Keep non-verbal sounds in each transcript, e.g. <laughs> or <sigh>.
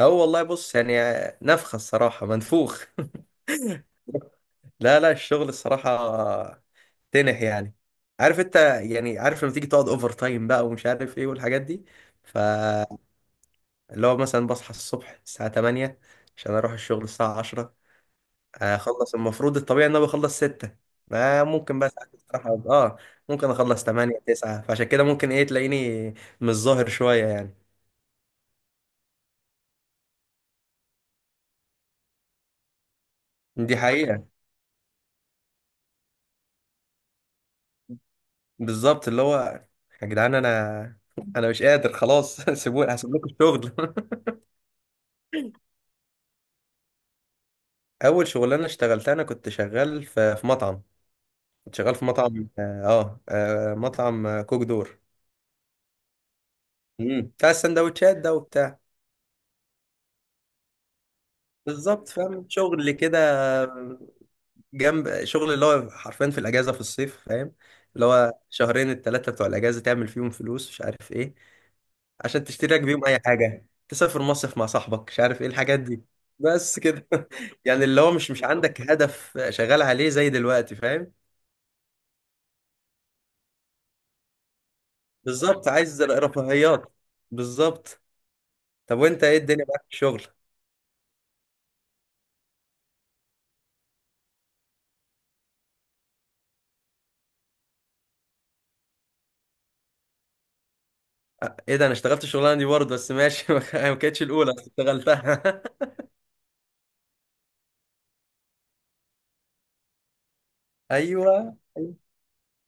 هو والله بص يعني نفخة الصراحة منفوخ <laughs> لا لا الشغل الصراحة تنح يعني. عارف انت. يعني عارف لما تيجي تقعد اوفر تايم بقى ومش عارف ايه والحاجات دي. فاللي هو مثلا بصحى الصبح الساعة 8 عشان اروح الشغل الساعة 10. اخلص المفروض الطبيعي ان انا بخلص 6. ما ممكن بقى ساعات الصراحة ممكن اخلص 8 9، فعشان كده ممكن ايه تلاقيني مش ظاهر شوية يعني. دي حقيقة. بالظبط اللي هو يا جدعان انا مش قادر خلاص <laughs> سيبوني هسيب لكم الشغل <laughs> اول شغلانه اشتغلتها انا كنت شغال في مطعم. كنت شغال في مطعم مطعم كوك دور. مم. بتاع السندوتشات ده وبتاع. بالظبط فاهم شغل كده، جنب شغل اللي هو حرفيا في الاجازه في الصيف فاهم. اللي هو شهرين الثلاثه بتوع الاجازه تعمل فيهم فلوس مش عارف ايه، عشان تشتري لك بيهم اي حاجه، تسافر مصيف مع صاحبك مش عارف ايه الحاجات دي. بس كده <laughs> يعني اللي هو مش عندك هدف شغال عليه زي دلوقتي فاهم. بالظبط، عايز رفاهيات. بالظبط. طب وانت ايه الدنيا معاك في الشغل؟ ايه ده، انا اشتغلت الشغلانه دي برضه بس ماشي <laughs> ما كانتش الاولى بس اشتغلتها <laughs> ايوه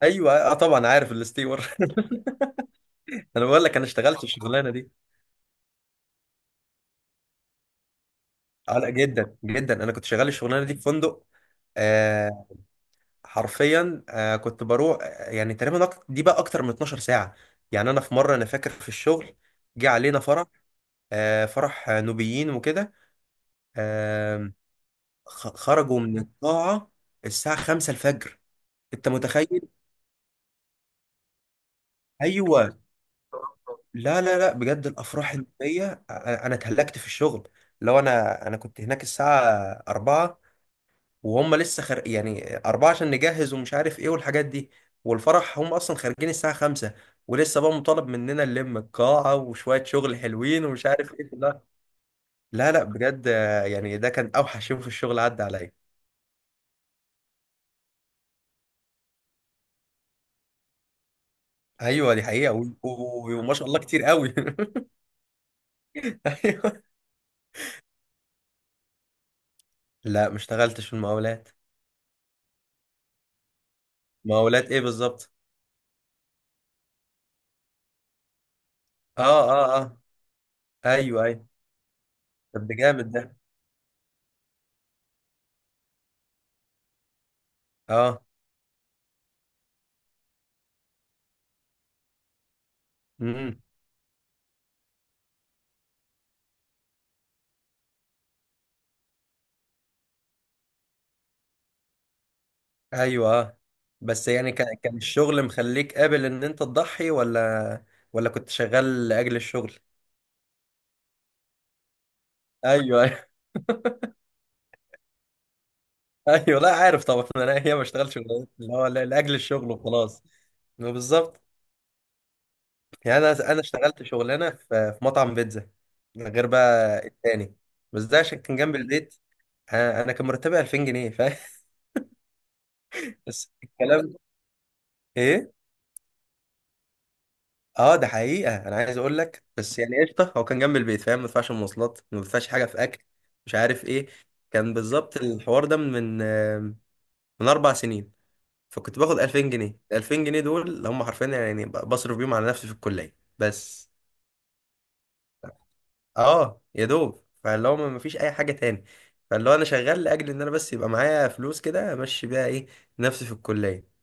ايوه، اه طبعا عارف الاستيور <laughs> انا بقول لك انا اشتغلت الشغلانه دي. اه لا، جدا جدا، انا كنت شغال الشغلانه دي في فندق. آه، حرفيا كنت بروح. يعني تقريبا دي بقى اكتر من 12 ساعة. يعني انا في مرة انا فاكر في الشغل جه علينا فرح. فرح نوبيين وكده. آه. خرجوا من القاعة الساعة 5 الفجر. انت متخيل؟ ايوه. لا لا لا بجد، الافراح النوبية انا اتهلكت في الشغل. لو انا كنت هناك الساعة 4، وهم لسه يعني أربعة عشان نجهز ومش عارف إيه والحاجات دي، والفرح هم أصلا خارجين الساعة خمسة، ولسه بقى مطالب مننا نلم القاعة وشوية شغل حلوين ومش عارف إيه. لا لا لا بجد يعني ده كان أوحش يوم في الشغل عدى عليا. أيوه دي حقيقة وما شاء الله كتير قوي <laughs> أيوه. لا ما اشتغلتش في المقاولات. مقاولات إيه بالظبط؟ أه أه أه. أيوه أيوه. طب ده جامد ده. أه. مم. ايوه، بس يعني كان الشغل مخليك قابل ان انت تضحي، ولا ولا كنت شغال لاجل الشغل. ايوه ايوه <laughs> ايوه لا، عارف طبعا. انا هي ما اشتغلتش اللي هو لاجل الشغل وخلاص. بالظبط. يعني انا اشتغلت شغلانه في في مطعم بيتزا، غير بقى التاني. بس ده عشان كان جنب البيت. آه، انا كان مرتبي 2000 جنيه فاهم <laughs> بس الكلام ايه. اه ده حقيقة، انا عايز اقول لك بس يعني قشطة هو كان جنب البيت فاهم، ما بدفعش مواصلات، ما بدفعش حاجة في اكل مش عارف ايه. كان بالظبط الحوار ده من من 4 سنين. فكنت باخد 2000 جنيه. 2000 جنيه دول اللي هم حرفيا يعني بصرف بيهم على نفسي في الكلية بس. اه يا دوب، فاللي هو ما فيش اي حاجة تاني. فاللي هو انا شغال لاجل ان انا بس يبقى معايا فلوس كده امشي بيها ايه نفسي في الكلية.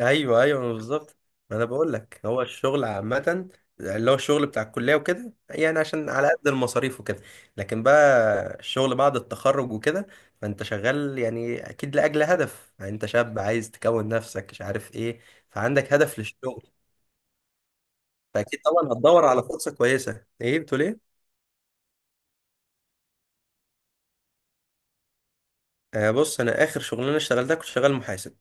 ايوه ايوه، ما بالظبط. ما انا بقول لك هو الشغل عامه اللي هو الشغل بتاع الكليه وكده يعني عشان على قد المصاريف وكده. لكن بقى الشغل بعد التخرج وكده، فانت شغال يعني اكيد لاجل هدف، يعني انت شاب عايز تكون نفسك مش عارف ايه، فعندك هدف للشغل. فاكيد طبعا هتدور على فرصه كويسه. ايه بتقول ايه؟ بص، انا اخر شغلانه اشتغلتها كنت شغال محاسب.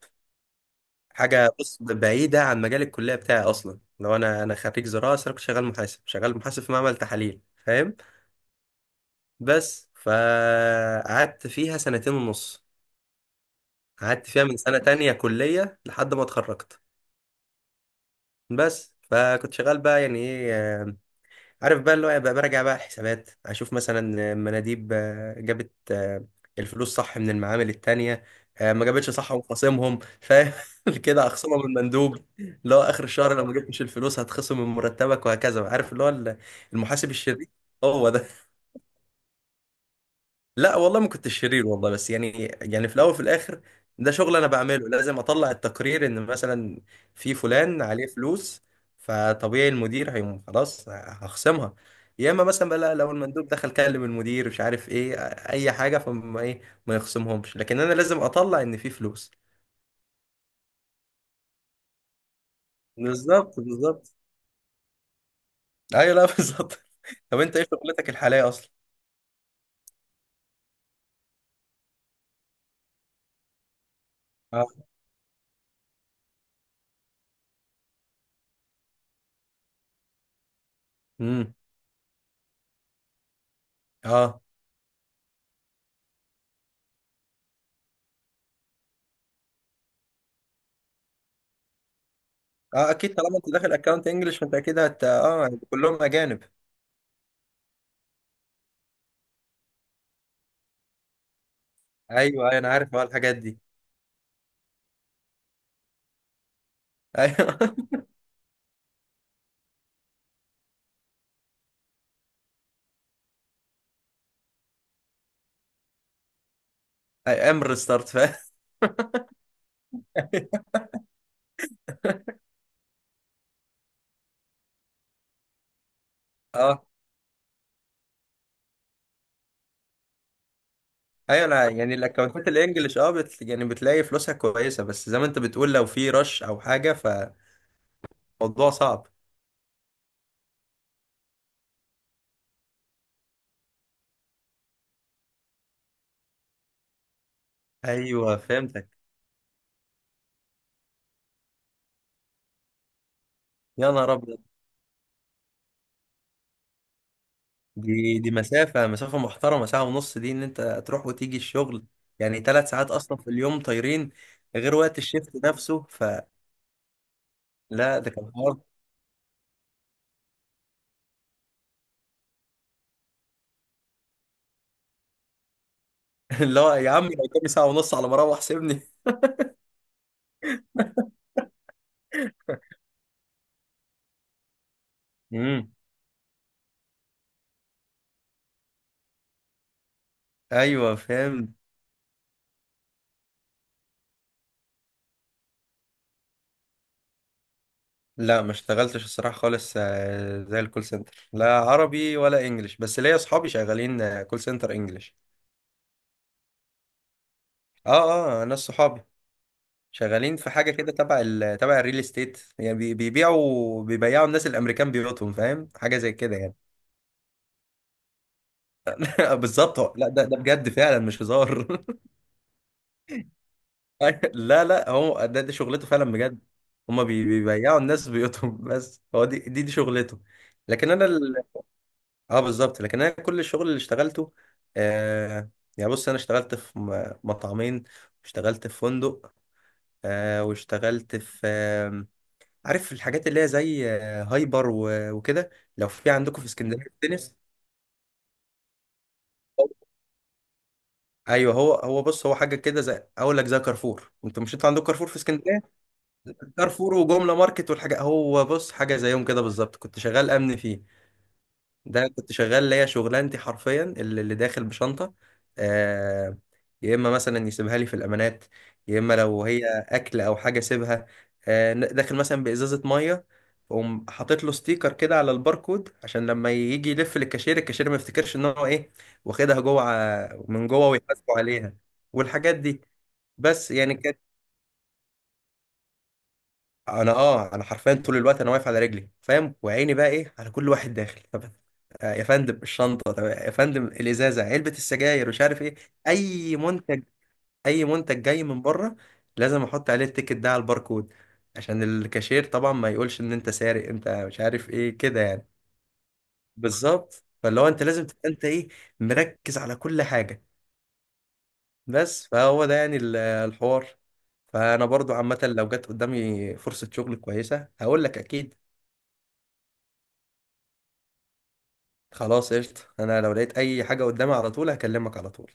حاجه بص بعيده عن مجال الكليه بتاعي اصلا، لو انا خريج زراعه بس انا كنت شغال محاسب، شغال محاسب في معمل تحاليل فاهم. بس فقعدت فيها سنتين ونص. قعدت فيها من سنة تانية كلية لحد ما اتخرجت. بس فكنت شغال بقى يعني ايه عارف بقى اللي هو بقى براجع بقى الحسابات، اشوف مثلا مناديب جابت الفلوس صح من المعامل التانية، ما جابتش صح وخصمهم فاهم <laughs> كده. اخصمها من المندوب اللي هو اخر الشهر لو ما جبتش الفلوس هتخصم من مرتبك وهكذا، عارف اللي هو المحاسب الشرير. هو ده. لا والله ما كنت شرير والله، بس يعني يعني في الاول وفي الاخر ده شغل انا بعمله. لازم اطلع التقرير ان مثلا في فلان عليه فلوس، فطبيعي المدير هيقوم خلاص هخصمها. يا اما مثلا بقى لا، لو المندوب دخل كلم المدير مش عارف ايه اي حاجه فما ايه ما يخصمهمش، لكن انا لازم اطلع ان في فلوس. بالظبط بالظبط. ايوه لا <laughs> بالظبط. طب انت ايه شغلتك الحاليه اصلا؟ اه. امم اه اه، اكيد طالما انت داخل اكونت انجلش فانت اكيد هت اه كلهم اجانب. ايوه ايوه، انا عارف الحاجات دي. ايوه <laughs> اي ام ريستارت فاهم. اه ايوه، انا يعني الاكونتات الانجليش يعني بتلاقي فلوسها كويسه، بس زي ما انت بتقول لو في رش او حاجه فموضوع صعب. ايوه فهمتك. يا نهار ابيض. دي مسافه محترمه، ساعه ونص دي ان انت تروح وتيجي الشغل، يعني 3 ساعات اصلا في اليوم طايرين، غير وقت الشيفت نفسه، فلا. ده كان حوار <laughs> اللي هو يا عم لو كان ساعه ونص على ما اروح سيبني. امم ايوه فهمت. لا ما اشتغلتش الصراحة خالص زي الكول سنتر، لا عربي ولا انجليش، بس ليا صحابي شغالين كول سنتر انجليش. اه اه، ناس صحابي شغالين في حاجة كده تبع تبع الريل استيت، يعني بيبيعوا الناس الامريكان بيوتهم فاهم، حاجة زي كده يعني. <laughs> بالظبط لا ده بجد فعلا مش هزار <laughs> لا لا هو ده دي شغلته فعلا بجد. هما بيبيعوا الناس بيوتهم، بس هو دي شغلته. لكن انا، اه بالظبط، لكن انا كل الشغل اللي اشتغلته آه، يعني بص انا اشتغلت في مطعمين، اشتغلت في فندق واشتغلت في عارف الحاجات اللي هي زي هايبر وكده، لو في عندكم في اسكندريه تنس. ايوه هو، بص هو حاجه كده زي اقول لك زي كارفور. انتوا مش، انتوا عندكم كارفور في اسكندريه؟ كارفور وجمله ماركت والحاجه. هو بص حاجه زيهم كده بالظبط، كنت شغال امن فيه. ده كنت شغال ليا شغلانتي حرفيا اللي داخل بشنطة آه، يا إما مثلا يسيبها لي في الأمانات، يا إما لو هي أكل أو حاجة سيبها داخل مثلا بإزازة مية، أقوم حاطط له ستيكر كده على الباركود عشان لما يجي يلف للكاشير، الكاشير ما يفتكرش إن هو إيه واخدها جوه من جوه ويحاسبوا عليها والحاجات دي. بس يعني كانت. انا انا حرفيا طول الوقت انا واقف على رجلي فاهم، وعيني بقى ايه على كل واحد داخل. طب يا فندم الشنطه، طب يا فندم الازازه، علبه السجاير مش عارف ايه، اي منتج اي منتج جاي من بره لازم احط عليه التيكت ده على الباركود، عشان الكاشير طبعا ما يقولش ان انت سارق انت مش عارف ايه كده يعني. بالظبط، فاللي هو انت لازم تبقى انت ايه مركز على كل حاجه. بس فهو ده يعني الحوار. فانا برضو عامه لو جت قدامي فرصه شغل كويسه هقول لك اكيد. خلاص قشطة، انا لو لقيت اي حاجة قدامي على طول هكلمك على طول.